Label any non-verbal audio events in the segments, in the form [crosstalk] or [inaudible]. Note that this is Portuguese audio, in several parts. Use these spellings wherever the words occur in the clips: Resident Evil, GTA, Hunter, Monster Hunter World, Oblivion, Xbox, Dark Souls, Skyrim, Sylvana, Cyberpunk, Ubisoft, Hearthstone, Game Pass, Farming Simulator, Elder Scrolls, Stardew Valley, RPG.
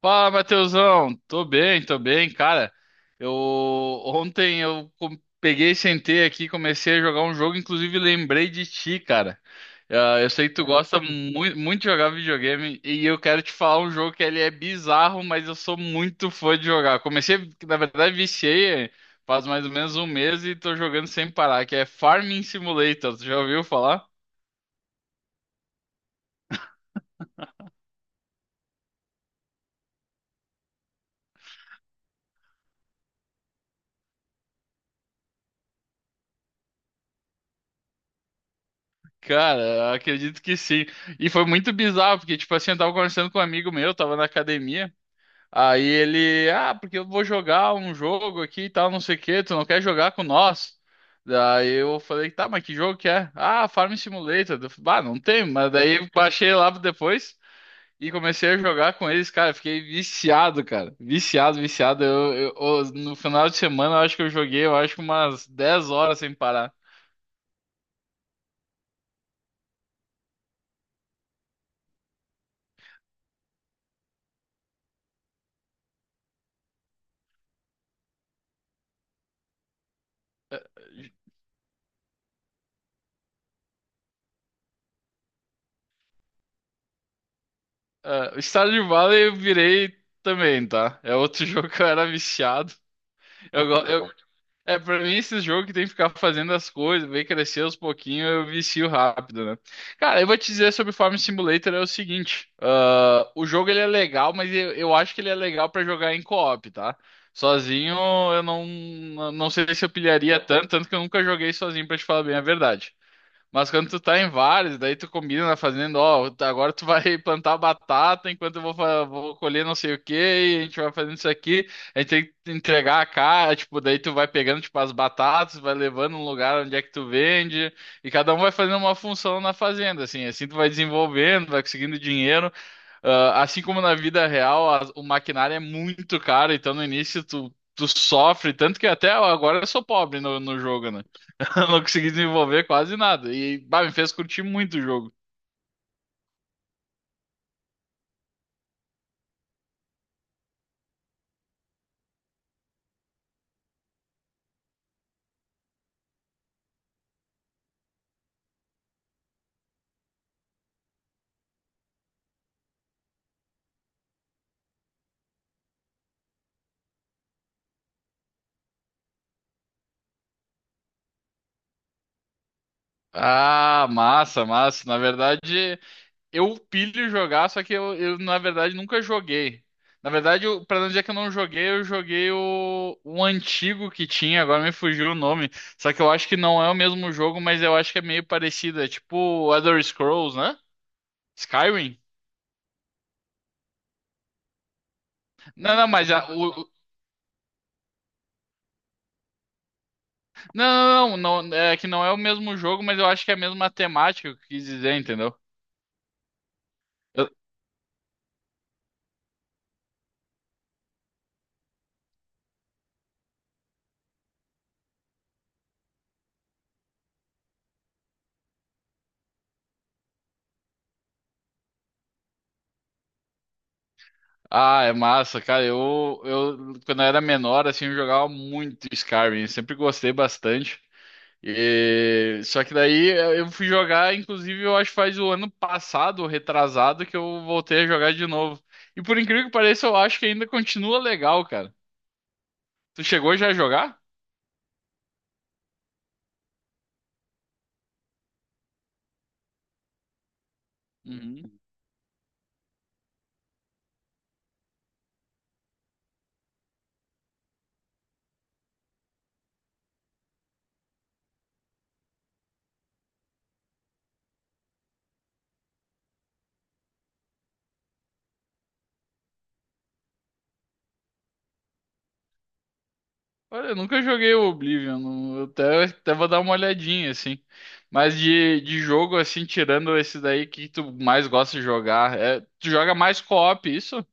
Fala, Matheusão. Tô bem, cara. Eu ontem eu com- Peguei, sentei aqui, comecei a jogar um jogo, inclusive lembrei de ti, cara. Eu sei que tu gosta muito, muito de jogar videogame e eu quero te falar um jogo que ele é bizarro, mas eu sou muito fã de jogar. Comecei, na verdade, viciei, faz mais ou menos 1 mês e tô jogando sem parar, que é Farming Simulator. Tu já ouviu falar? Cara, acredito que sim. E foi muito bizarro, porque, tipo assim, eu tava conversando com um amigo meu, tava na academia. Aí ele, ah, porque eu vou jogar um jogo aqui e tal, não sei o quê, tu não quer jogar com nós? Daí eu falei, tá, mas que jogo que é? Ah, Farm Simulator. Eu falei, ah, não tem, mas daí eu baixei lá depois e comecei a jogar com eles, cara. Fiquei viciado, cara. Viciado, viciado. No final de semana, eu acho que umas 10 horas sem parar. Ah, Stardew Valley eu virei também, tá? É outro [laughs] jogo que eu era viciado. Eu, go- eu, é, Pra mim, esse jogo que tem que ficar fazendo as coisas, ver crescer aos pouquinhos, eu vicio rápido, né? Cara, eu vou te dizer sobre Farm Simulator é o seguinte: ah, o jogo ele é legal, mas eu acho que ele é legal pra jogar em co-op, tá? Sozinho eu não, não sei se eu pilharia tanto, tanto que eu nunca joguei sozinho, pra te falar bem a verdade. Mas quando tu tá em vários, daí tu combina na fazenda, ó, tá- agora tu vai [laughs] plantar batata enquanto vou colher não sei o quê, e a gente vai fazendo isso aqui, a gente tem que entregar a cara, tipo, daí tu vai pegando, tipo, as batatas, vai levando um lugar onde é que tu vende, e cada um vai fazendo uma função na fazenda, assim, assim tu vai desenvolvendo, vai conseguindo dinheiro. Ah, assim como na vida real, o maquinário é muito caro, então no início tu sofre, tanto que até agora eu sou pobre no jogo, né? [laughs] Eu não consegui desenvolver quase nada. E, bah, me fez curtir muito o jogo. Ah, massa, massa. Na verdade, eu pilho jogar, só que na verdade, nunca joguei. Na verdade, eu, pra não dizer que eu não joguei, eu joguei o antigo que tinha, agora me fugiu o nome. Só que eu acho que não é o mesmo jogo, mas eu acho que é meio parecido. É tipo Elder Scrolls, né? Skyrim? Não, não, mas a, o- não, não, não, não, É que não é o mesmo jogo, mas eu acho que é a mesma temática que eu quis dizer, entendeu? Ah, é massa, cara. Eu quando eu era menor, assim, eu jogava muito Skyrim. Sempre gostei bastante. Só que daí eu fui jogar, inclusive, eu acho que faz o ano passado, retrasado, que eu voltei a jogar de novo. E por incrível que pareça, eu acho que ainda continua legal, cara. Tu chegou já a jogar? Uhum. Olha, eu nunca joguei o Oblivion. Eu até vou dar uma olhadinha, assim. Mas de jogo, assim, tirando esse daí, o que tu mais gosta de jogar? É, tu joga mais co-op, isso?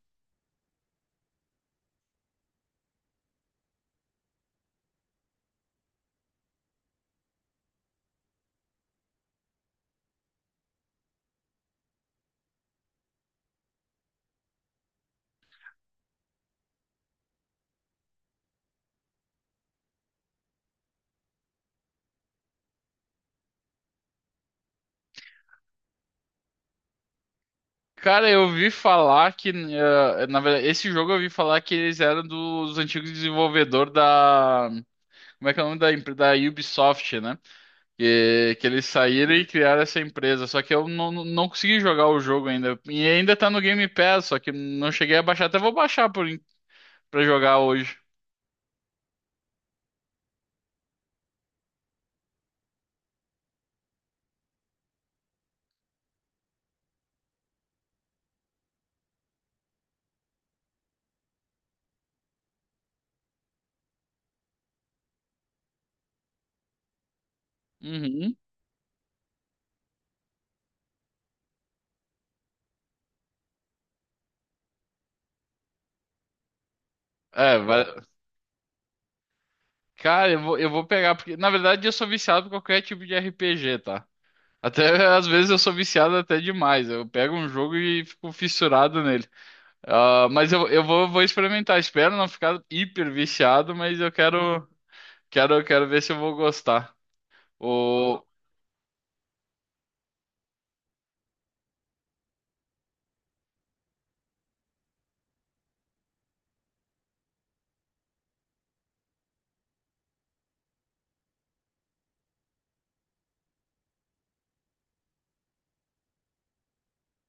Cara, eu ouvi falar que, na verdade, esse jogo eu ouvi falar que eles eram dos antigos desenvolvedores da. Como é que é o nome da empresa? Da Ubisoft, né? Que eles saíram e criaram essa empresa. Só que eu não, não consegui jogar o jogo ainda. E ainda tá no Game Pass, só que não cheguei a baixar. Até vou baixar por, en- Pra jogar hoje. Uhum. É, vai... Cara, eu vou pegar, porque na verdade eu sou viciado por qualquer tipo de RPG, tá? Até às vezes eu sou viciado até demais. Eu pego um jogo e fico fissurado nele. Ah, mas eu vou, vou experimentar. Espero não ficar hiper viciado, mas quero ver se eu vou gostar. O...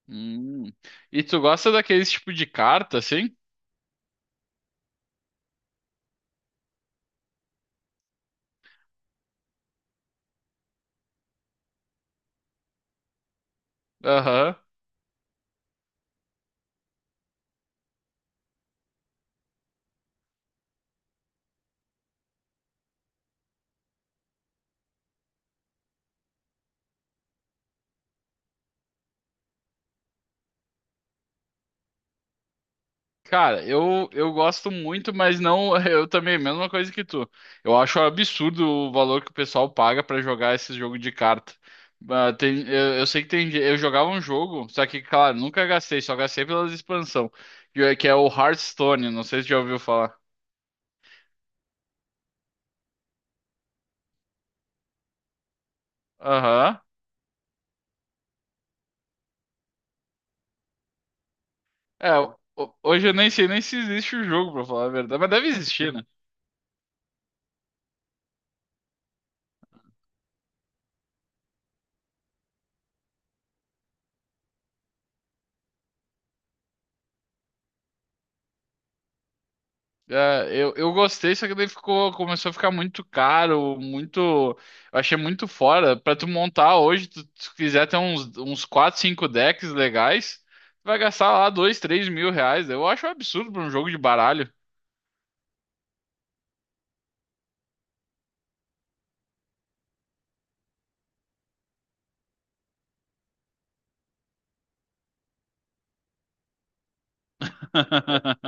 Hum. E tu gosta daqueles tipo de carta, assim? Aham. Cara, eu gosto muito, mas não. [laughs] Eu também, mesma coisa que tu. Eu acho absurdo o valor que o pessoal paga pra jogar esse jogo de carta. Ah, tem, eu sei que tem. Eu jogava um jogo, só que, claro, nunca gastei, só gastei pelas expansão, que é o Hearthstone. Não sei se já ouviu falar. Aham. É, hoje eu nem sei nem se existe o jogo, pra falar a verdade, mas deve existir, né? É, eu gostei, só que daí ficou, começou a ficar muito caro, muito. Eu achei muito fora. Pra tu montar hoje, tu quiser ter uns, uns 4, 5 decks legais, tu vai gastar lá 2, 3 mil reais. Eu acho um absurdo pra um jogo de baralho. [laughs]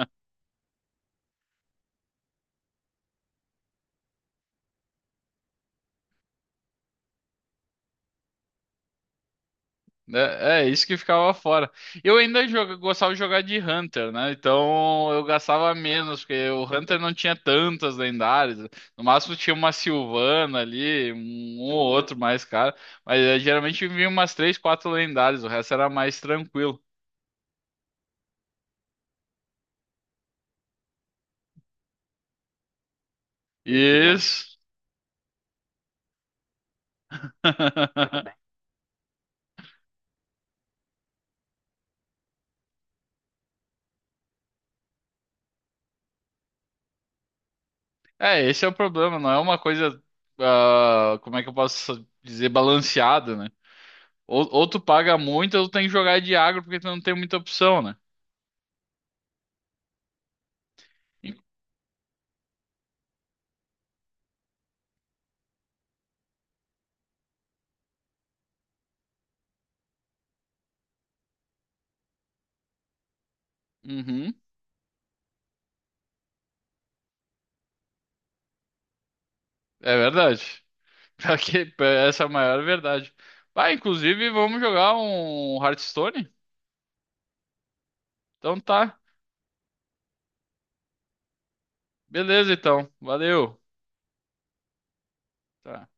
É, é, isso que ficava fora. Gostava de jogar de Hunter, né? Então eu gastava menos, porque o Hunter não tinha tantas lendárias. No máximo tinha uma Sylvana ali, um ou outro mais cara. Mas geralmente vinha umas 3, 4 lendárias, o resto era mais tranquilo. Isso. [laughs] É, esse é o problema, não é uma coisa, ah, como é que eu posso dizer, balanceada, né? Ou tu paga muito, ou tu tem que jogar de agro porque tu não tem muita opção, né? Uhum. É verdade. [laughs] Pior que- Essa é a maior verdade. Ah, inclusive, vamos jogar um Hearthstone? Então tá. Beleza, então. Valeu. Tá.